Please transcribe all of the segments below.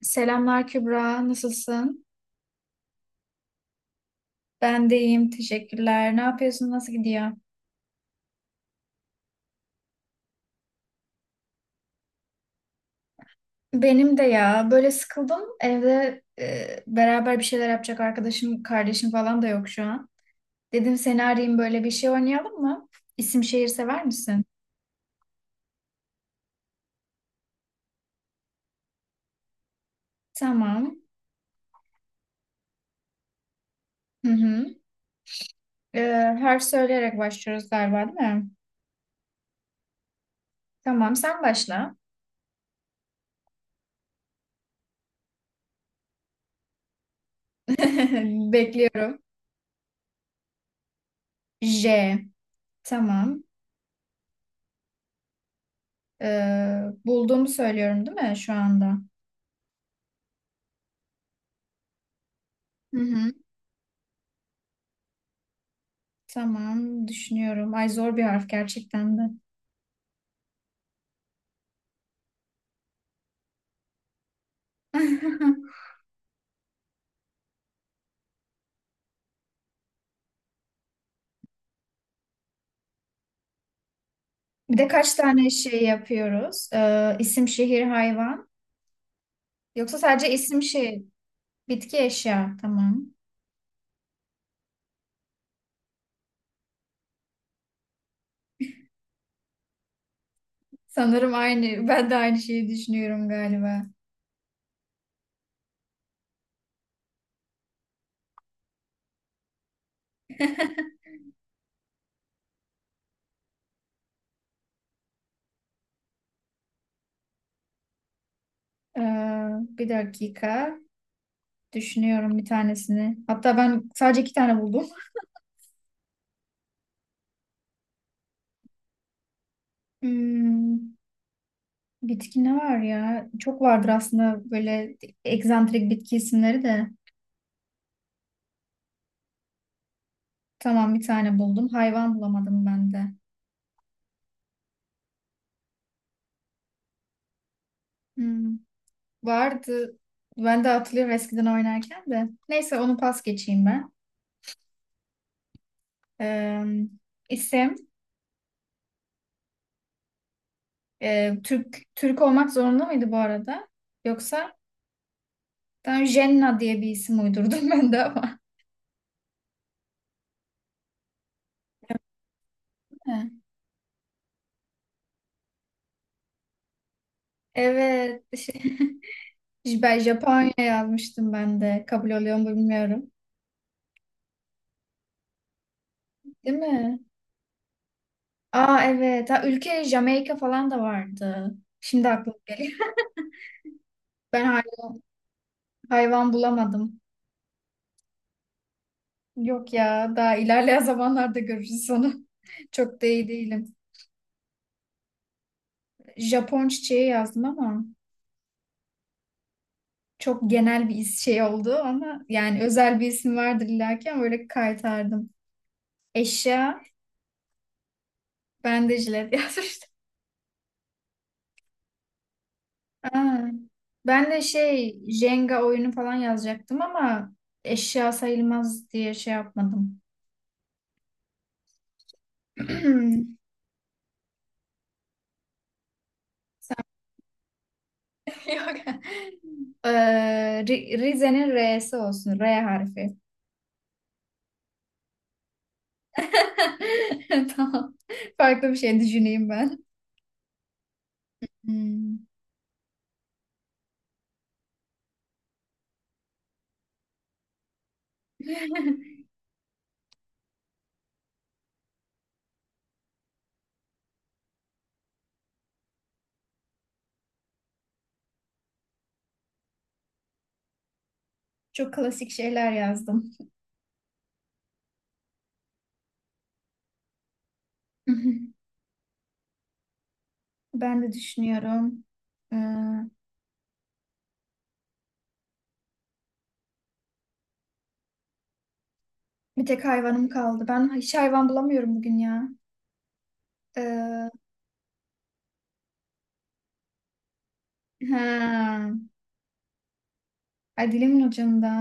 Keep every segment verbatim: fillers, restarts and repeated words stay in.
Selamlar Kübra, nasılsın? Ben de iyiyim, teşekkürler. Ne yapıyorsun, nasıl gidiyor? Benim de ya, böyle sıkıldım. Evde e, beraber bir şeyler yapacak arkadaşım, kardeşim falan da yok şu an. Dedim seni arayayım, böyle bir şey oynayalım mı? İsim şehir sever misin? Tamam. Hı hı. E, Harf söyleyerek başlıyoruz galiba, değil mi? Tamam, sen başla. Bekliyorum. J. Tamam. E, Bulduğumu söylüyorum, değil mi şu anda? Hı hı. Tamam, düşünüyorum. Ay, zor bir harf gerçekten de. Bir de kaç tane şey yapıyoruz? Ee, isim, şehir, hayvan. Yoksa sadece isim, şehir, bitki, eşya. Tamam. Sanırım aynı. Ben de aynı şeyi düşünüyorum galiba. Ee, Bir dakika. Düşünüyorum bir tanesini. Hatta ben sadece iki tane buldum. Hmm, bitki ne var ya? Çok vardır aslında böyle egzantrik bitki isimleri de. Tamam, bir tane buldum. Hayvan bulamadım ben de. Hmm, vardı. Ben de hatırlıyorum eskiden oynarken de. Neyse, onu pas geçeyim ben. Ee, isim e, Türk Türk olmak zorunda mıydı bu arada? Yoksa ben Jenna diye bir isim uydurdum ben de ama. He. Evet. Şey, ben Japonya yazmıştım ben de. Kabul oluyor mu bilmiyorum. Değil mi? Aa, evet. Ha, ülke Jamaika falan da vardı. Şimdi aklıma geliyor. Ben hay- Hayvan bulamadım. Yok ya, daha ilerleyen zamanlarda görürüz onu. Çok da iyi değilim. Japon çiçeği yazdım ama çok genel bir is- şey oldu ama yani özel bir isim vardır illaki ama böyle kaytardım. Eşya, ben de jilet yazmıştım. Aa, ben de şey Jenga oyunu falan yazacaktım ama eşya sayılmaz diye şey yapmadım. Sen- Yok. Ee, Ri- Rize'nin R'si olsun. R harfi. Tamam. Farklı bir şey düşüneyim ben. Hmm. Çok klasik şeyler yazdım. Ben de düşünüyorum. Ee, Bir tek hayvanım kaldı. Ben hiç hayvan bulamıyorum bugün ya. Ee, ha. Ay, dilimin ucunda.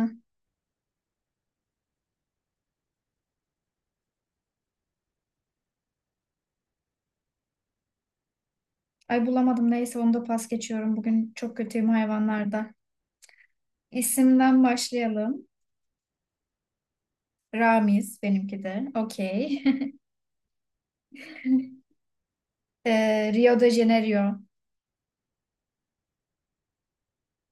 Ay, bulamadım, neyse onu da pas geçiyorum. Bugün çok kötüyüm hayvanlarda. İsimden başlayalım. Ramiz benimki de. Okey. Ee, Rio de Janeiro.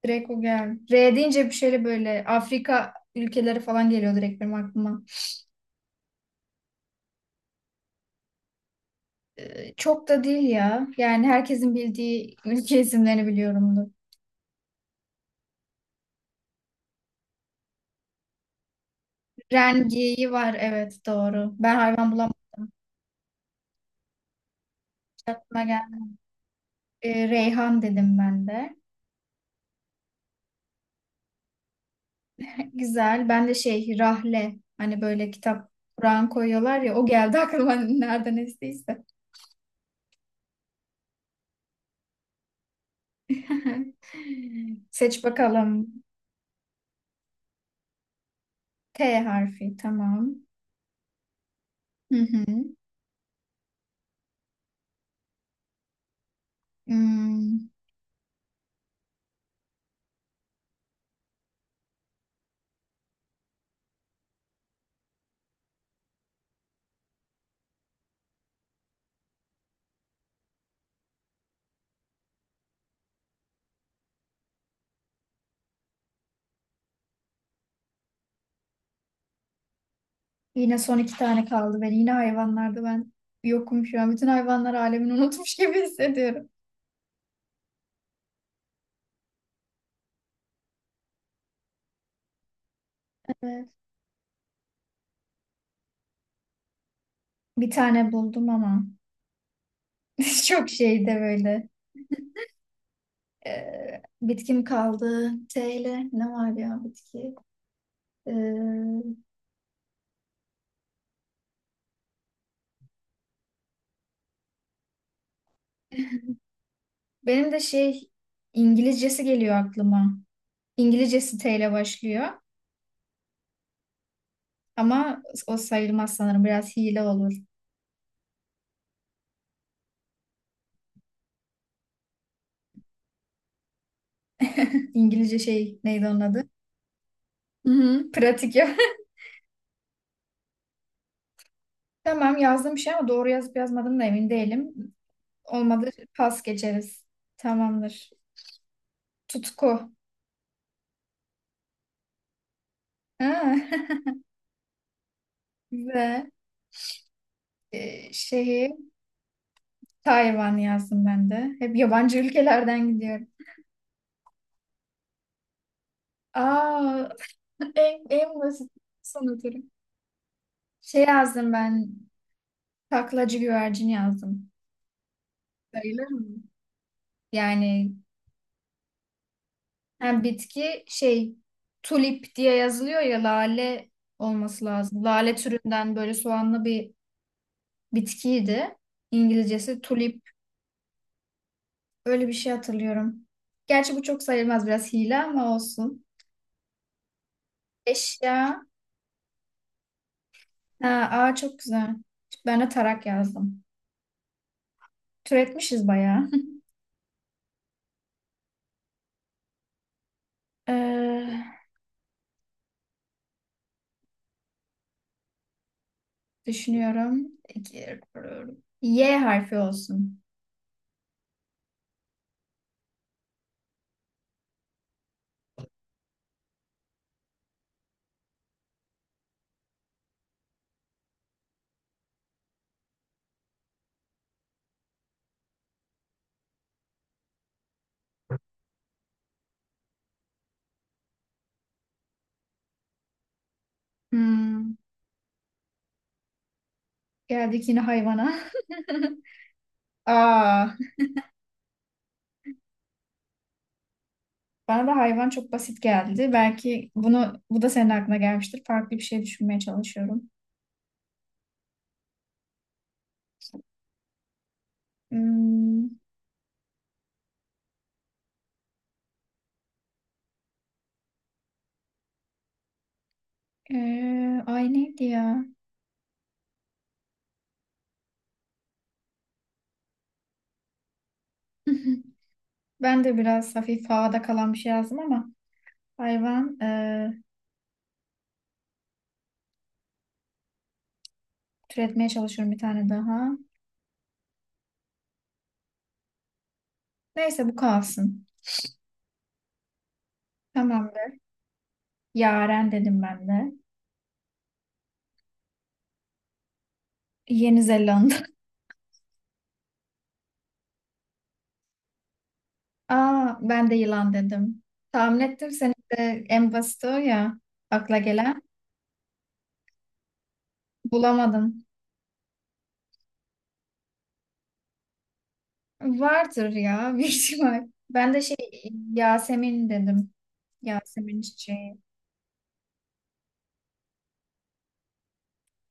Direkt o geldi. R deyince bir şeyle böyle Afrika ülkeleri falan geliyor direkt benim aklıma. Ee, Çok da değil ya. Yani herkesin bildiği ülke isimlerini biliyorumdur. Rengeyi var, evet doğru. Ben hayvan bulamadım. Aklıma geldi. Ee, Reyhan dedim ben de. Güzel. Ben de şey, Rahle. Hani böyle kitap Kur'an koyuyorlar ya. O geldi aklıma nereden estiyse. Seç bakalım. T harfi, tamam. Hı hı. Hmm. Yine son iki tane kaldı. Ben yine hayvanlarda ben yokum şu an. Bütün hayvanlar alemini unutmuş gibi hissediyorum. Evet. Bir tane buldum ama çok şeyde böyle. Ee, bitkim kaldı. T ile ne var ya bitki? Ee, Benim de şey, İngilizcesi geliyor aklıma. İngilizcesi T ile başlıyor. Ama o sayılmaz sanırım. Biraz hile olur. İngilizce şey neydi onun adı? Hı hı, pratik ya. Tamam, yazdım bir şey ama doğru yazıp yazmadım da emin değilim. Olmadı pas geçeriz. Tamamdır. Tutku. Ha, güzel. Ee, şeyi Tayvan yazdım ben de. Hep yabancı ülkelerden gidiyorum. Aa, en, en basit sanatırım. Şey yazdım ben. Taklacı güvercin yazdım. Sayılır mı? Yani hem bitki şey tulip diye yazılıyor ya, lale olması lazım. Lale türünden böyle soğanlı bir bitkiydi. İngilizcesi tulip. Öyle bir şey hatırlıyorum. Gerçi bu çok sayılmaz, biraz hile ama olsun. Eşya. Ha, aa çok güzel. Ben de tarak yazdım. Türetmişiz bayağı. Ee, Düşünüyorum. İki, Y harfi olsun. Hmm, geldik yine hayvana. Aa, bana da hayvan çok basit geldi. Belki bunu bu da senin aklına gelmiştir. Farklı bir şey düşünmeye çalışıyorum. Hmm, ee, ay neydi ya? Ben de biraz hafif havada kalan bir şey yazdım ama hayvan, e, türetmeye çalışıyorum bir tane daha. Neyse, bu kalsın. Tamamdır. Yaren dedim ben de. Yeni Zelanda. Aa, ben de yılan dedim. Tahmin ettim senin de en basit o ya, akla gelen. Bulamadım. Vardır ya bir ihtimal. Ben de şey, Yasemin dedim. Yasemin çiçeği.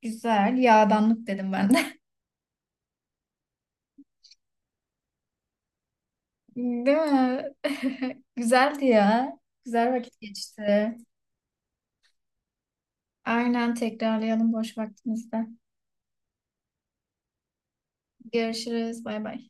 Güzel. Yağdanlık dedim ben de. Değil mi? Güzeldi ya. Güzel vakit geçti. Aynen, tekrarlayalım boş vaktimizde. Görüşürüz. Bay bay.